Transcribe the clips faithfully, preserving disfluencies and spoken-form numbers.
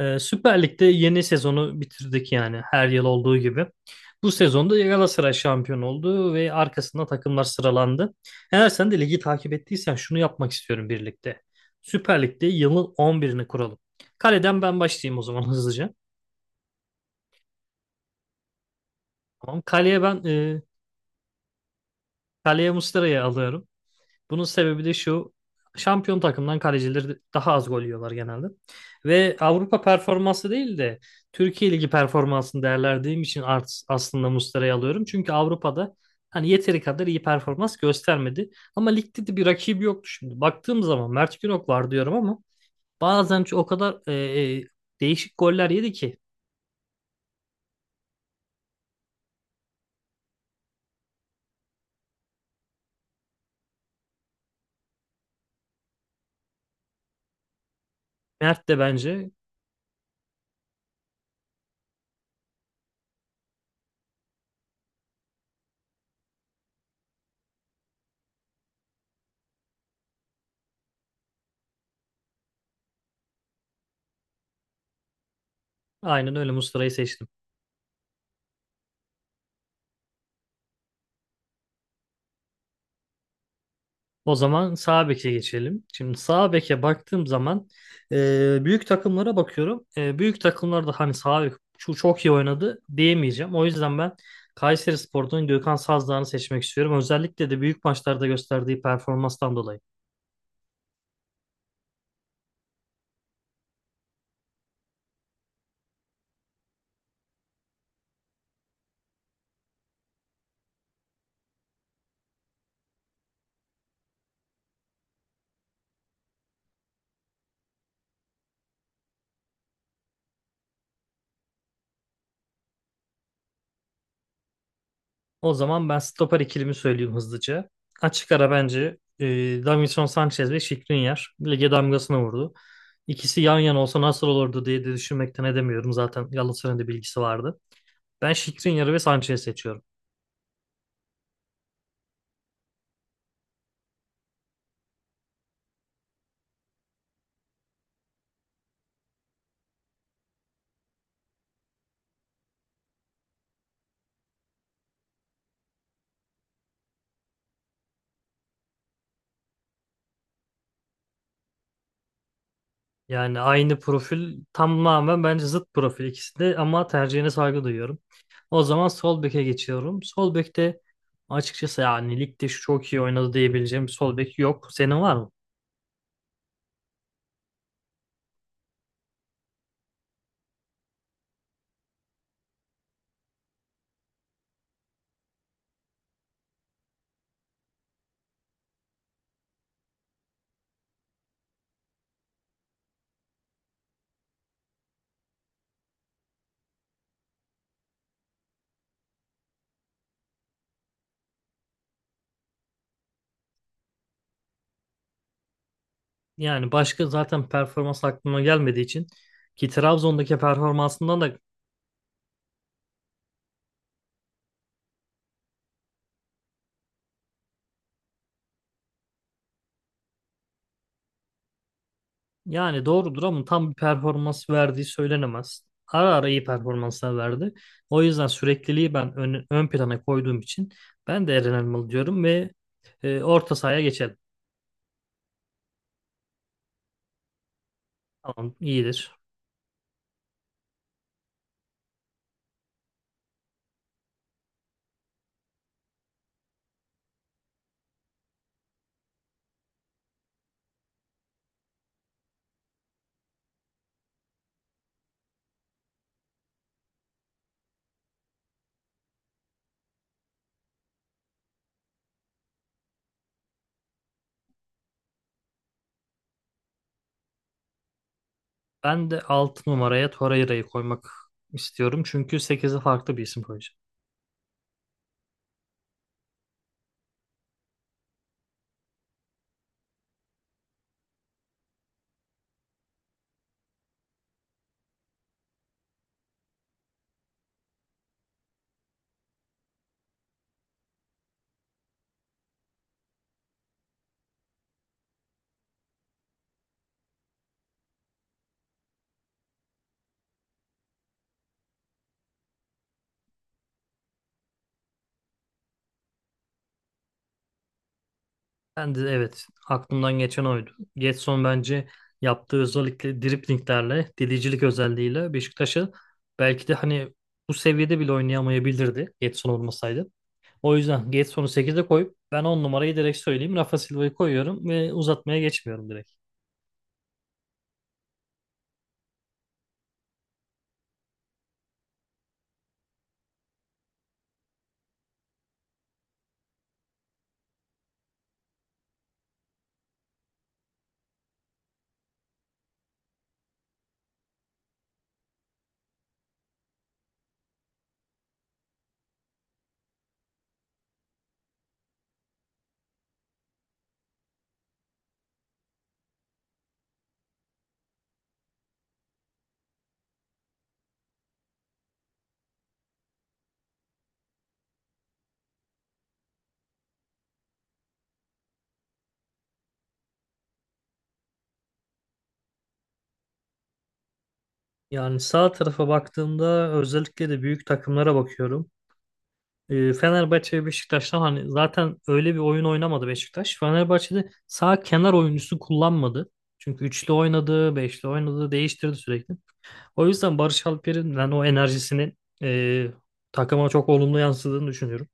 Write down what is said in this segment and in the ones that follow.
Ee, Süper Lig'de yeni sezonu bitirdik yani her yıl olduğu gibi. Bu sezonda Galatasaray şampiyon oldu ve arkasında takımlar sıralandı. Eğer sen de ligi takip ettiysen şunu yapmak istiyorum birlikte. Süper Lig'de yılın on birini kuralım. Kaleden ben başlayayım o zaman hızlıca. Tamam. Kaleye ben e, kaleye Muslera'yı alıyorum. Bunun sebebi de şu. Şampiyon takımdan kalecileri daha az gol yiyorlar genelde. Ve Avrupa performansı değil de Türkiye Ligi performansını değerlendirdiğim için art, aslında Muslera'yı alıyorum. Çünkü Avrupa'da hani yeteri kadar iyi performans göstermedi. Ama ligde de bir rakibi yoktu şimdi. Baktığım zaman Mert Günok var diyorum ama bazen çok- o kadar e, e, değişik goller yedi ki. Mert de bence aynen öyle Muslera'yı seçtim. O zaman sağ beke geçelim. Şimdi sağ beke baktığım zaman e, büyük takımlara bakıyorum. E, büyük takımlarda hani sağ bek çok, çok iyi oynadı diyemeyeceğim. O yüzden ben Kayserispor'dan Gökhan Sazdağ'ını seçmek istiyorum. Özellikle de büyük maçlarda gösterdiği performanstan dolayı. O zaman ben stoper ikilimi söyleyeyim hızlıca. Açık ara bence e, Davinson Sanchez ve Skriniar lige damgasını vurdu. İkisi yan yana olsa nasıl olurdu diye de düşünmekten edemiyorum. Zaten Galatasaray'ın da bilgisi vardı. Ben Skriniar'ı ve Sanchez'i seçiyorum. Yani aynı profil tamamen bence zıt profil ikisi de ama tercihine saygı duyuyorum. O zaman sol beke geçiyorum. Sol bekte açıkçası yani ligde şu çok iyi oynadı diyebileceğim bir sol bek yok. Senin var mı? Yani başka zaten performans aklıma gelmediği için ki Trabzon'daki performansından da yani doğrudur ama tam bir performans verdiği söylenemez. Ara ara iyi performanslar verdi. O yüzden sürekliliği ben ön, ön plana koyduğum için ben de Eren Elmalı diyorum ve e, orta sahaya geçelim. Tamam, iyidir. Ben de altı numaraya Torreira'yı koymak istiyorum. Çünkü sekize farklı bir isim koyacağım. Ben de evet aklımdan geçen oydu. Gedson bence yaptığı özellikle driplinglerle, delicilik özelliğiyle Beşiktaş'ı belki de hani bu seviyede bile oynayamayabilirdi Gedson olmasaydı. O yüzden Gedson'u sekize koyup ben on numarayı direkt söyleyeyim. Rafa Silva'yı koyuyorum ve uzatmaya geçmiyorum direkt. Yani sağ tarafa baktığımda özellikle de büyük takımlara bakıyorum. E, Fenerbahçe ve Beşiktaş'tan hani zaten öyle bir oyun oynamadı Beşiktaş. Fenerbahçe'de sağ kenar oyuncusu kullanmadı. Çünkü üçlü oynadı, beşli oynadı, değiştirdi sürekli. O yüzden Barış Alper'in ben o enerjisinin e, takıma çok olumlu yansıdığını düşünüyorum.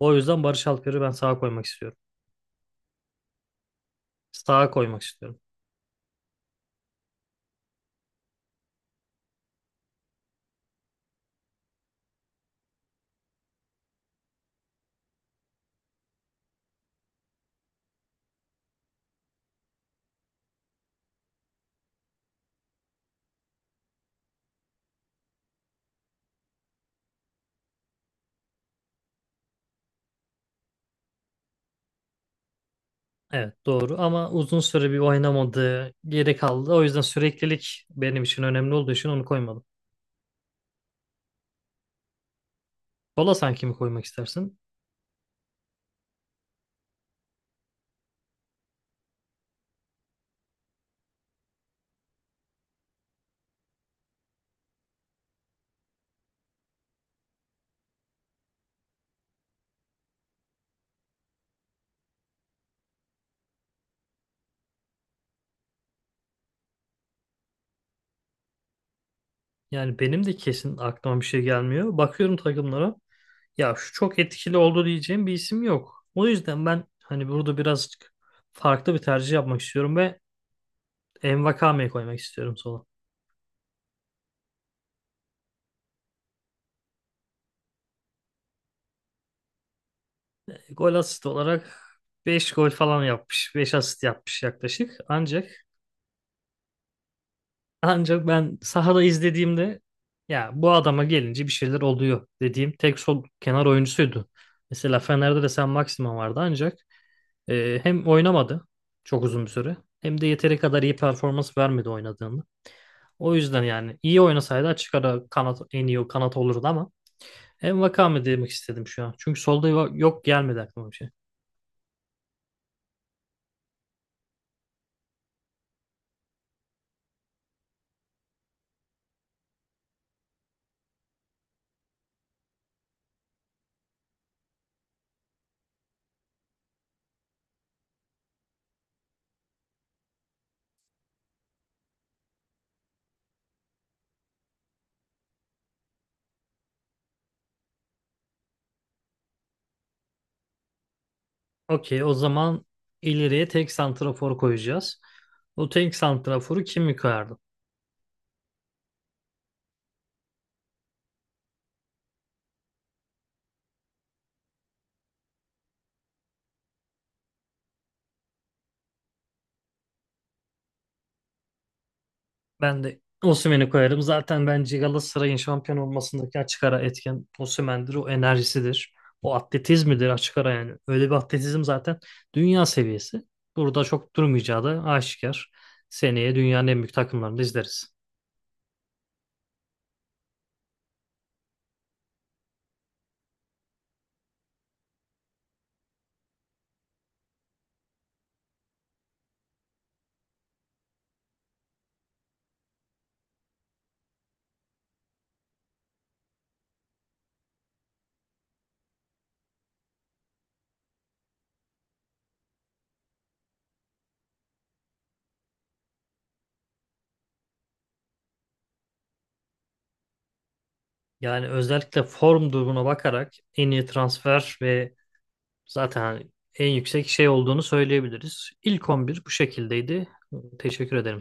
O yüzden Barış Alper'i ben sağa koymak istiyorum. Sağa koymak istiyorum. Evet doğru ama uzun süre bir oynamadı, geri kaldı. O yüzden süreklilik benim için önemli olduğu için onu koymadım. Bola sanki mi koymak istersin? Yani benim de kesin aklıma bir şey gelmiyor. Bakıyorum takımlara. Ya şu çok etkili oldu diyeceğim bir isim yok. O yüzden ben hani burada birazcık farklı bir tercih yapmak istiyorum ve Envakame'yi koymak istiyorum sola. E, Gol asist olarak beş gol falan yapmış. Beş asist yapmış yaklaşık. Ancak ancak ben sahada izlediğimde ya bu adama gelince bir şeyler oluyor dediğim tek sol kenar oyuncusuydu. Mesela Fener'de de sen Maximan vardı ancak Ee, hem oynamadı çok uzun bir süre hem de yeteri kadar iyi performans vermedi oynadığında. O yüzden yani iyi oynasaydı açık ara kanat en iyi kanat olurdu ama en Vakame demek istedim şu an. Çünkü solda yo- yok gelmedi aklıma bir şey. Okey o zaman ileriye tek santrafor koyacağız. O tek santraforu kim koyardı? Ben de Osimhen'i koyarım. Zaten bence Galatasaray'ın şampiyon olmasındaki açık ara etken Osimhen'dir. O enerjisidir. O atletizmidir açık ara yani. Öyle bir atletizm zaten dünya seviyesi. Burada çok durmayacağı da aşikar. Seneye dünyanın en büyük takımlarını da izleriz. Yani özellikle form durumuna bakarak en iyi transfer ve zaten hani en yüksek şey olduğunu söyleyebiliriz. İlk on bir bu şekildeydi. Teşekkür ederim.